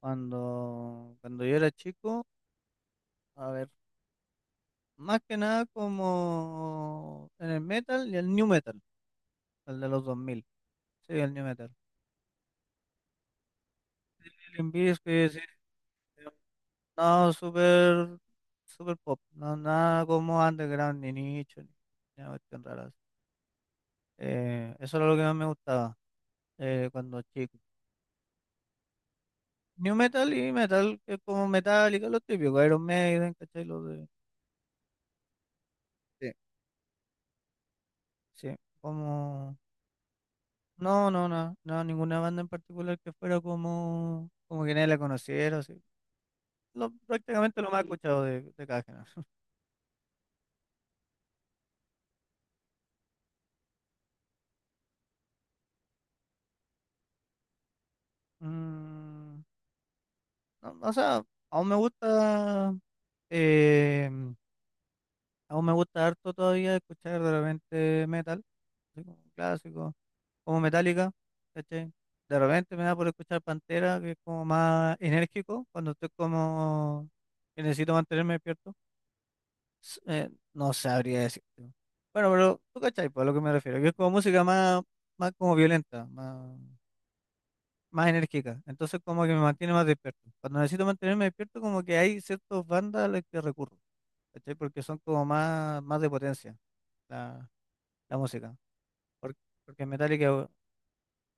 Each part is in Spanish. Cuando yo era chico, a ver, más que nada como en el metal y el new metal, el de los dos mil sí, el new metal. Limp Bizkit, sí, eh, no, súper pop, no, nada como underground, ni nicho, ni nada cuestión rara así. Eso era lo que más me gustaba cuando chico. New metal y metal, que es como Metallica, lo típico, Iron Maiden, ¿cachai? Lo de, sí. Sí, como... No, no, no, no, ninguna banda en particular que fuera como, como que nadie la conociera, así. Lo, prácticamente lo más escuchado de cada género. Mm, no, no, o sea, aún me gusta, eh, aún me gusta harto todavía escuchar de repente metal, así como clásico, como Metallica, ¿cachai? De repente me da por escuchar Pantera, que es como más enérgico, cuando estoy como que necesito mantenerme despierto. No sabría decir. Bueno, pero tú cachai, pues, a lo que me refiero, que es como música más, más como violenta, más, más enérgica. Entonces como que me mantiene más despierto. Cuando necesito mantenerme despierto, como que hay ciertas bandas a las que recurro, ¿cachai? Porque son como más, más de potencia la, la música. Porque, porque Metallica,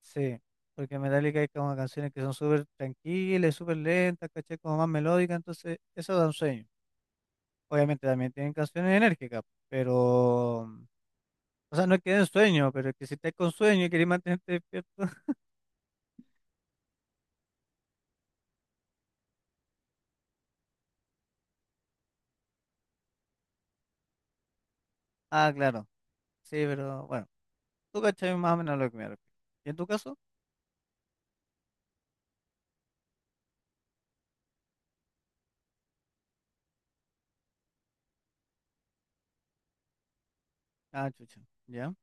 sí, porque Metallica hay como canciones que son súper tranquilas, súper lentas, ¿cachai? Como más melódicas, entonces eso da un sueño. Obviamente también tienen canciones enérgicas, pero... O sea, no que den sueño, pero que si estás con sueño y querés mantenerte despierto. Ah, claro. Sí, pero bueno, tú cachai más o menos lo que me refiero. ¿Y en tu caso? Ah, chucha. Ya.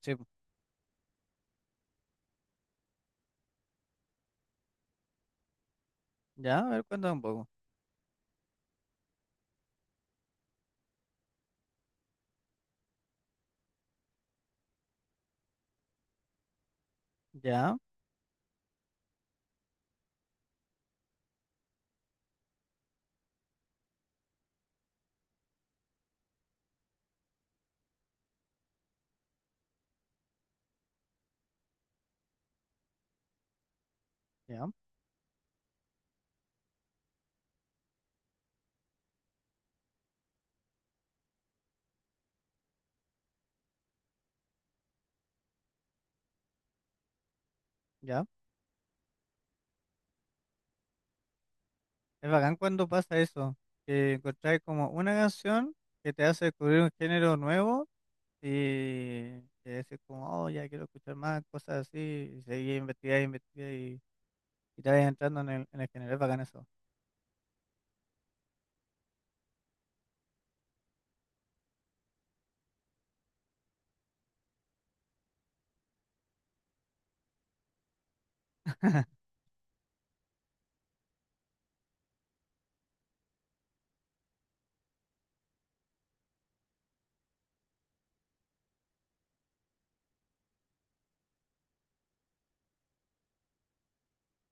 Sí, po. Ya, a ver, cuéntame un poco. Ya, ya, ya. Es bacán cuando pasa eso, que encontráis como una canción que te hace descubrir un género nuevo y que decís como, oh, ya quiero escuchar más cosas así, y seguís investigando, investigando y te vas entrando en el género. Es bacán eso.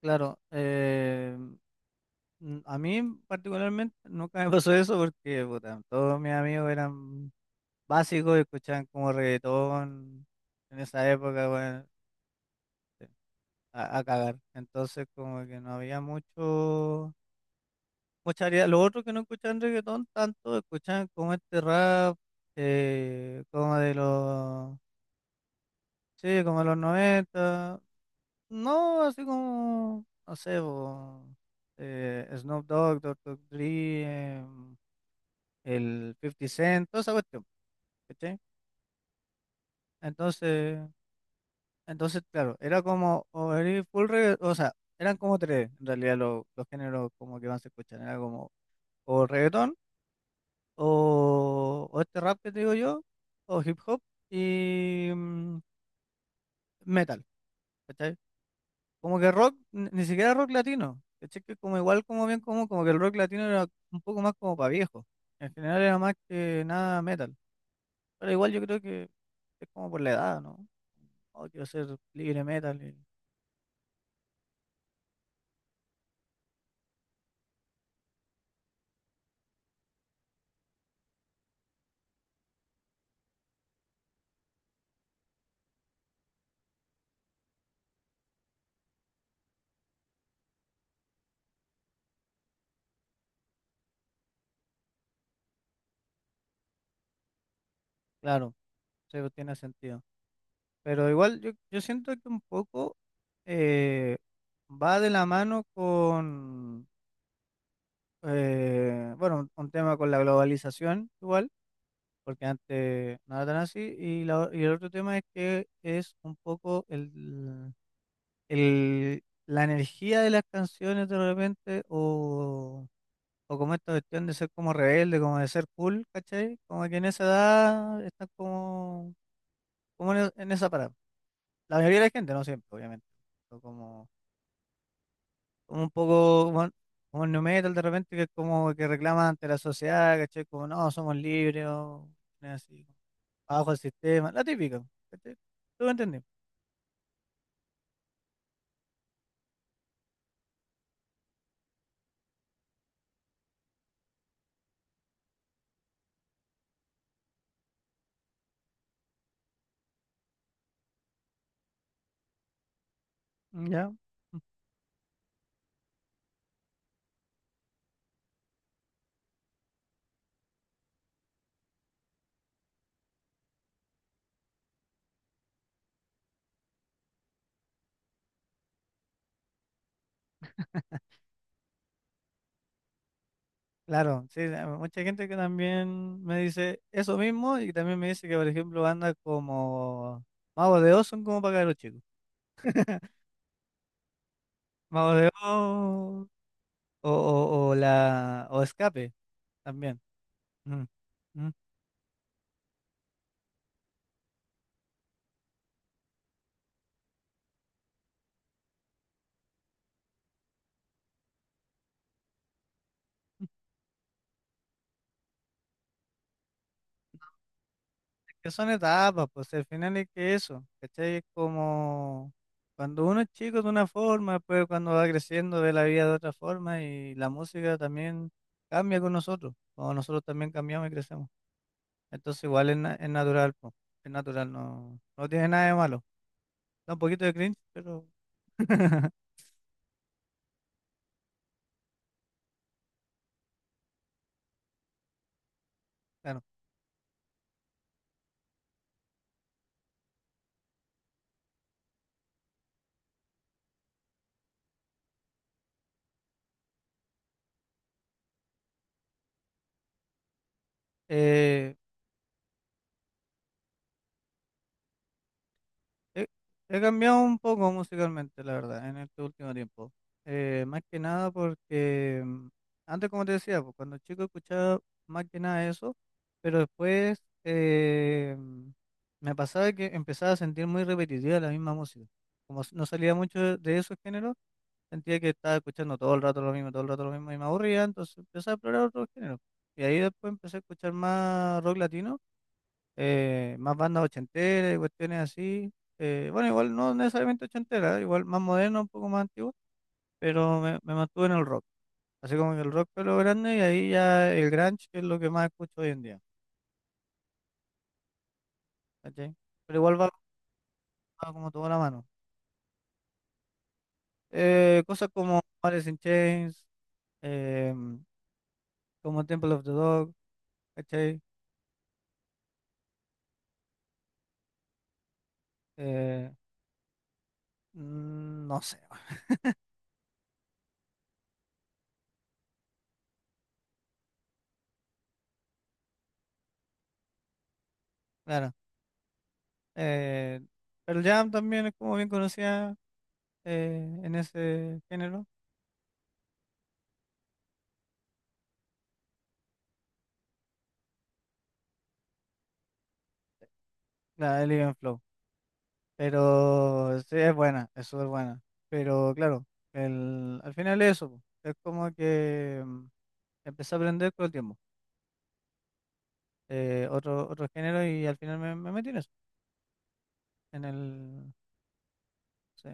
Claro. A mí particularmente nunca me pasó eso porque puta, todos mis amigos eran básicos y escuchaban como reggaetón en esa época, bueno, sí, a cagar. Entonces como que no había mucho, mucha variedad. Los otros que no escuchaban reggaetón tanto, escuchaban como este rap, como de los, sí, como de los 90. No, así como, no sé, po, Snoop Dogg, Doctor Dre, em, el 50 Cent, toda esa cuestión, ¿cachai? Entonces, entonces, claro, era como, o era o sea, eran como tres, en realidad, los géneros como que más se escuchan, era como, o reggaetón, o este rap que te digo yo, o hip hop, y metal, ¿cachai? Como que rock, ni siquiera rock latino, ¿cachai? Que como igual, como bien, como, como que el rock latino era un poco más como para viejos, en general era más que nada metal, pero igual yo creo que es como por la edad, ¿no? Oh, quiero ser libre metal. Y claro, sí, pues, tiene sentido. Pero igual yo siento que un poco eh, va de la mano con, bueno, un tema con la globalización igual, porque antes no era tan así. Y, y el otro tema es que es un poco el, la energía de las canciones de repente o... O como esta cuestión de ser como rebelde, como de ser cool, ¿cachai? Como que en esa edad están como como en esa parada. La mayoría de la gente, no siempre, obviamente. Pero como, como un poco como, como el nu metal de repente, que es como que reclama ante la sociedad, ¿cachai? Como no, somos libres, o es así, bajo el sistema, la típica, ¿cachai? ¿Tú me entendí? Ya. Claro, sí, mucha gente que también me dice eso mismo y también me dice que, por ejemplo, bandas como Mago de Oz son como para los chicos. Mago de Oz o o Escape también. Mm, mm. Que son etapas, pues si al final es que eso, ¿cachai? Es como cuando uno es chico de una forma, después cuando va creciendo ve la vida de otra forma y la música también cambia con nosotros, o nosotros también cambiamos y crecemos. Entonces igual es, es natural, po, es natural, no, no tiene nada de malo. Da un poquito de cringe, pero claro. Eh, He, he cambiado un poco musicalmente, la verdad, en este último tiempo. Más que nada porque antes, como te decía, pues, cuando chico escuchaba más que nada eso, pero después me pasaba que empezaba a sentir muy repetitiva la misma música. No salía mucho de esos géneros, sentía que estaba escuchando todo el rato lo mismo, todo el rato lo mismo y me aburría, entonces empecé a explorar otros géneros. Y ahí después empecé a escuchar más rock latino, más bandas ochenteras y cuestiones así. Bueno, igual no necesariamente ochenteras, igual más moderno, un poco más antiguo, pero me mantuve en el rock. Así como que el rock fue lo grande y ahí ya el grunge, que es lo que más escucho hoy en día. ¿Cachai? Pero igual va como toda la mano. Cosas como Alice in Chains, eh, como Temple of the Dog, ¿cachai? Eh, no sé, bueno, claro. Eh, Pearl Jam también es como bien conocida en ese género. La de Elegant Flow. Pero sí, es buena, es súper buena. Pero claro, el, al final es eso, po. Es como que empecé a aprender con el tiempo, otro género y al final me metí en eso, en el... Sí,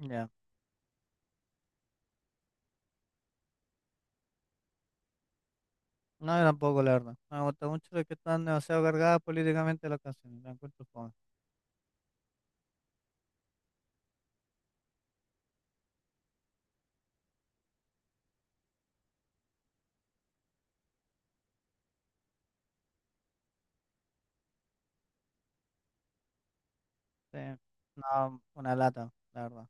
ya. No, yo tampoco, la verdad. No me gusta mucho lo que están demasiado cargadas políticamente las canciones, la encuentro fome. Sí, no, una lata, la verdad.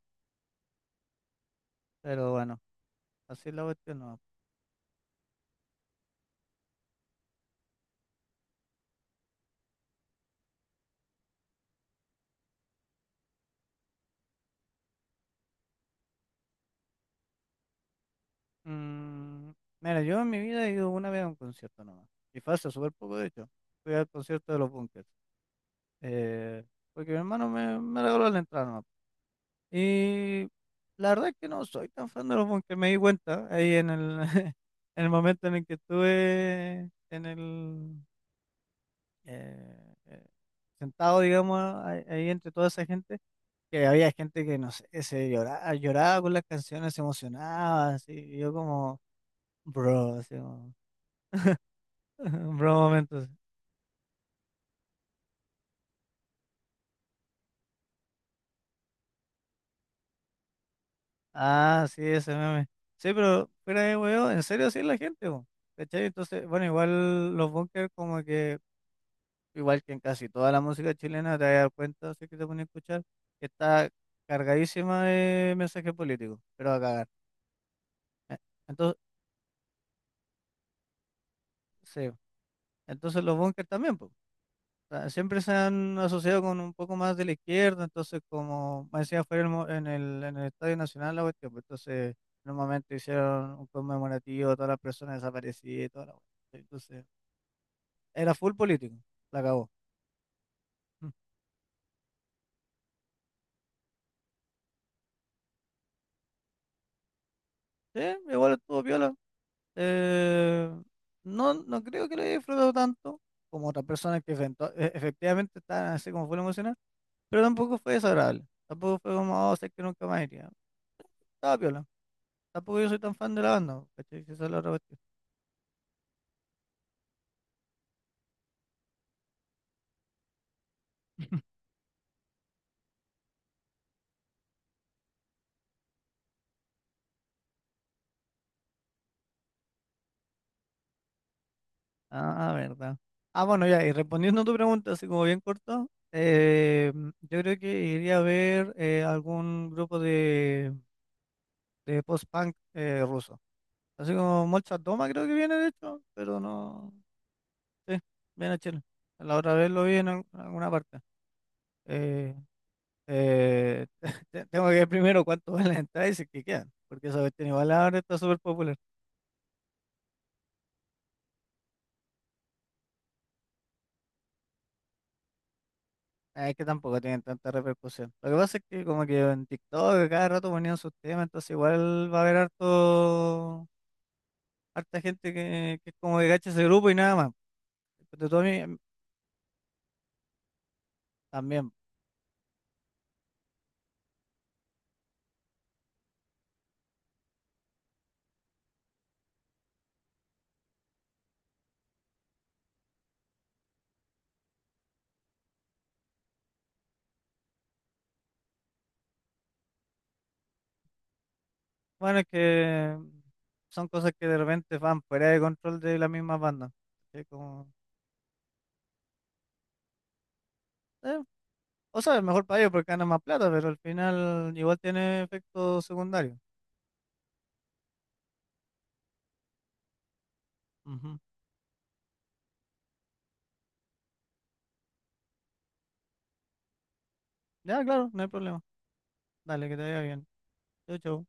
Pero bueno, así es la cuestión no. Mm, mira, yo en mi vida he ido una vez a un concierto nomás. Y fue hace súper poco, de hecho. Fui al concierto de los Bunkers. eh, Porque mi hermano me regaló la entrada nomás. Y la verdad es que no soy tan fan de los Bunkers, me di cuenta ahí en el, en el momento en el que estuve en el, eh, eh, sentado, digamos, ahí entre toda esa gente, que había gente que, no sé, se lloraba, lloraba con las canciones, se emocionaba, así, y yo como, bro, así como, bro momento. Ah, sí, ese meme. Sí, pero fuera de huevo, en serio sí es la gente, po, ¿cachai? Entonces, bueno, igual los bunkers como que, igual que en casi toda la música chilena, te vas a dar cuenta, si es que te pones a escuchar, que está cargadísima de mensajes políticos, pero a cagar. Eh, Entonces, sí, entonces los bunkers también, sea, siempre se han asociado con un poco más de la izquierda, entonces como me decía, fue el en el, en el Estadio Nacional la cuestión, pues, entonces en un momento hicieron un conmemorativo todas las personas desaparecidas y toda la cuestión. Entonces, era full político, la acabó. Mm. Sí, igual estuvo viola. No, no creo que lo haya disfrutado tanto como otras personas que efectivamente estaban así como full emocional, pero tampoco fue desagradable. Tampoco fue como, oh, sé que nunca más iría. Estaba viola. Tampoco yo soy tan fan de la banda, ¿cachai? Esa es la otra cuestión. Ah, verdad. Ah, bueno, ya, y respondiendo a tu pregunta, así como bien corto, yo creo que iría a ver algún grupo de post-punk ruso. Así como Molchat Doma creo que viene, de hecho, pero no, sí, viene a Chile. La otra vez lo vi en alguna parte. Eh, eh, Tengo que ver primero cuánto vale la entrada y si es que quedan, porque esa cuestión igual ahora está súper popular. Ah, es que tampoco tienen tanta repercusión. Lo que pasa es que como que en TikTok cada rato ponían sus temas, entonces igual va a haber harta gente que es como que cacha ese grupo y nada más. Pero tú a mí, también. Bueno, es que son cosas que de repente van fuera de control de las mismas bandas. ¿Cachai? Como, eh, o sea, mejor para ellos porque ganan más plata, pero al final igual tiene efecto secundario. Ujú. Ya, claro, no hay problema. Dale, que te vaya bien. Chau, chau.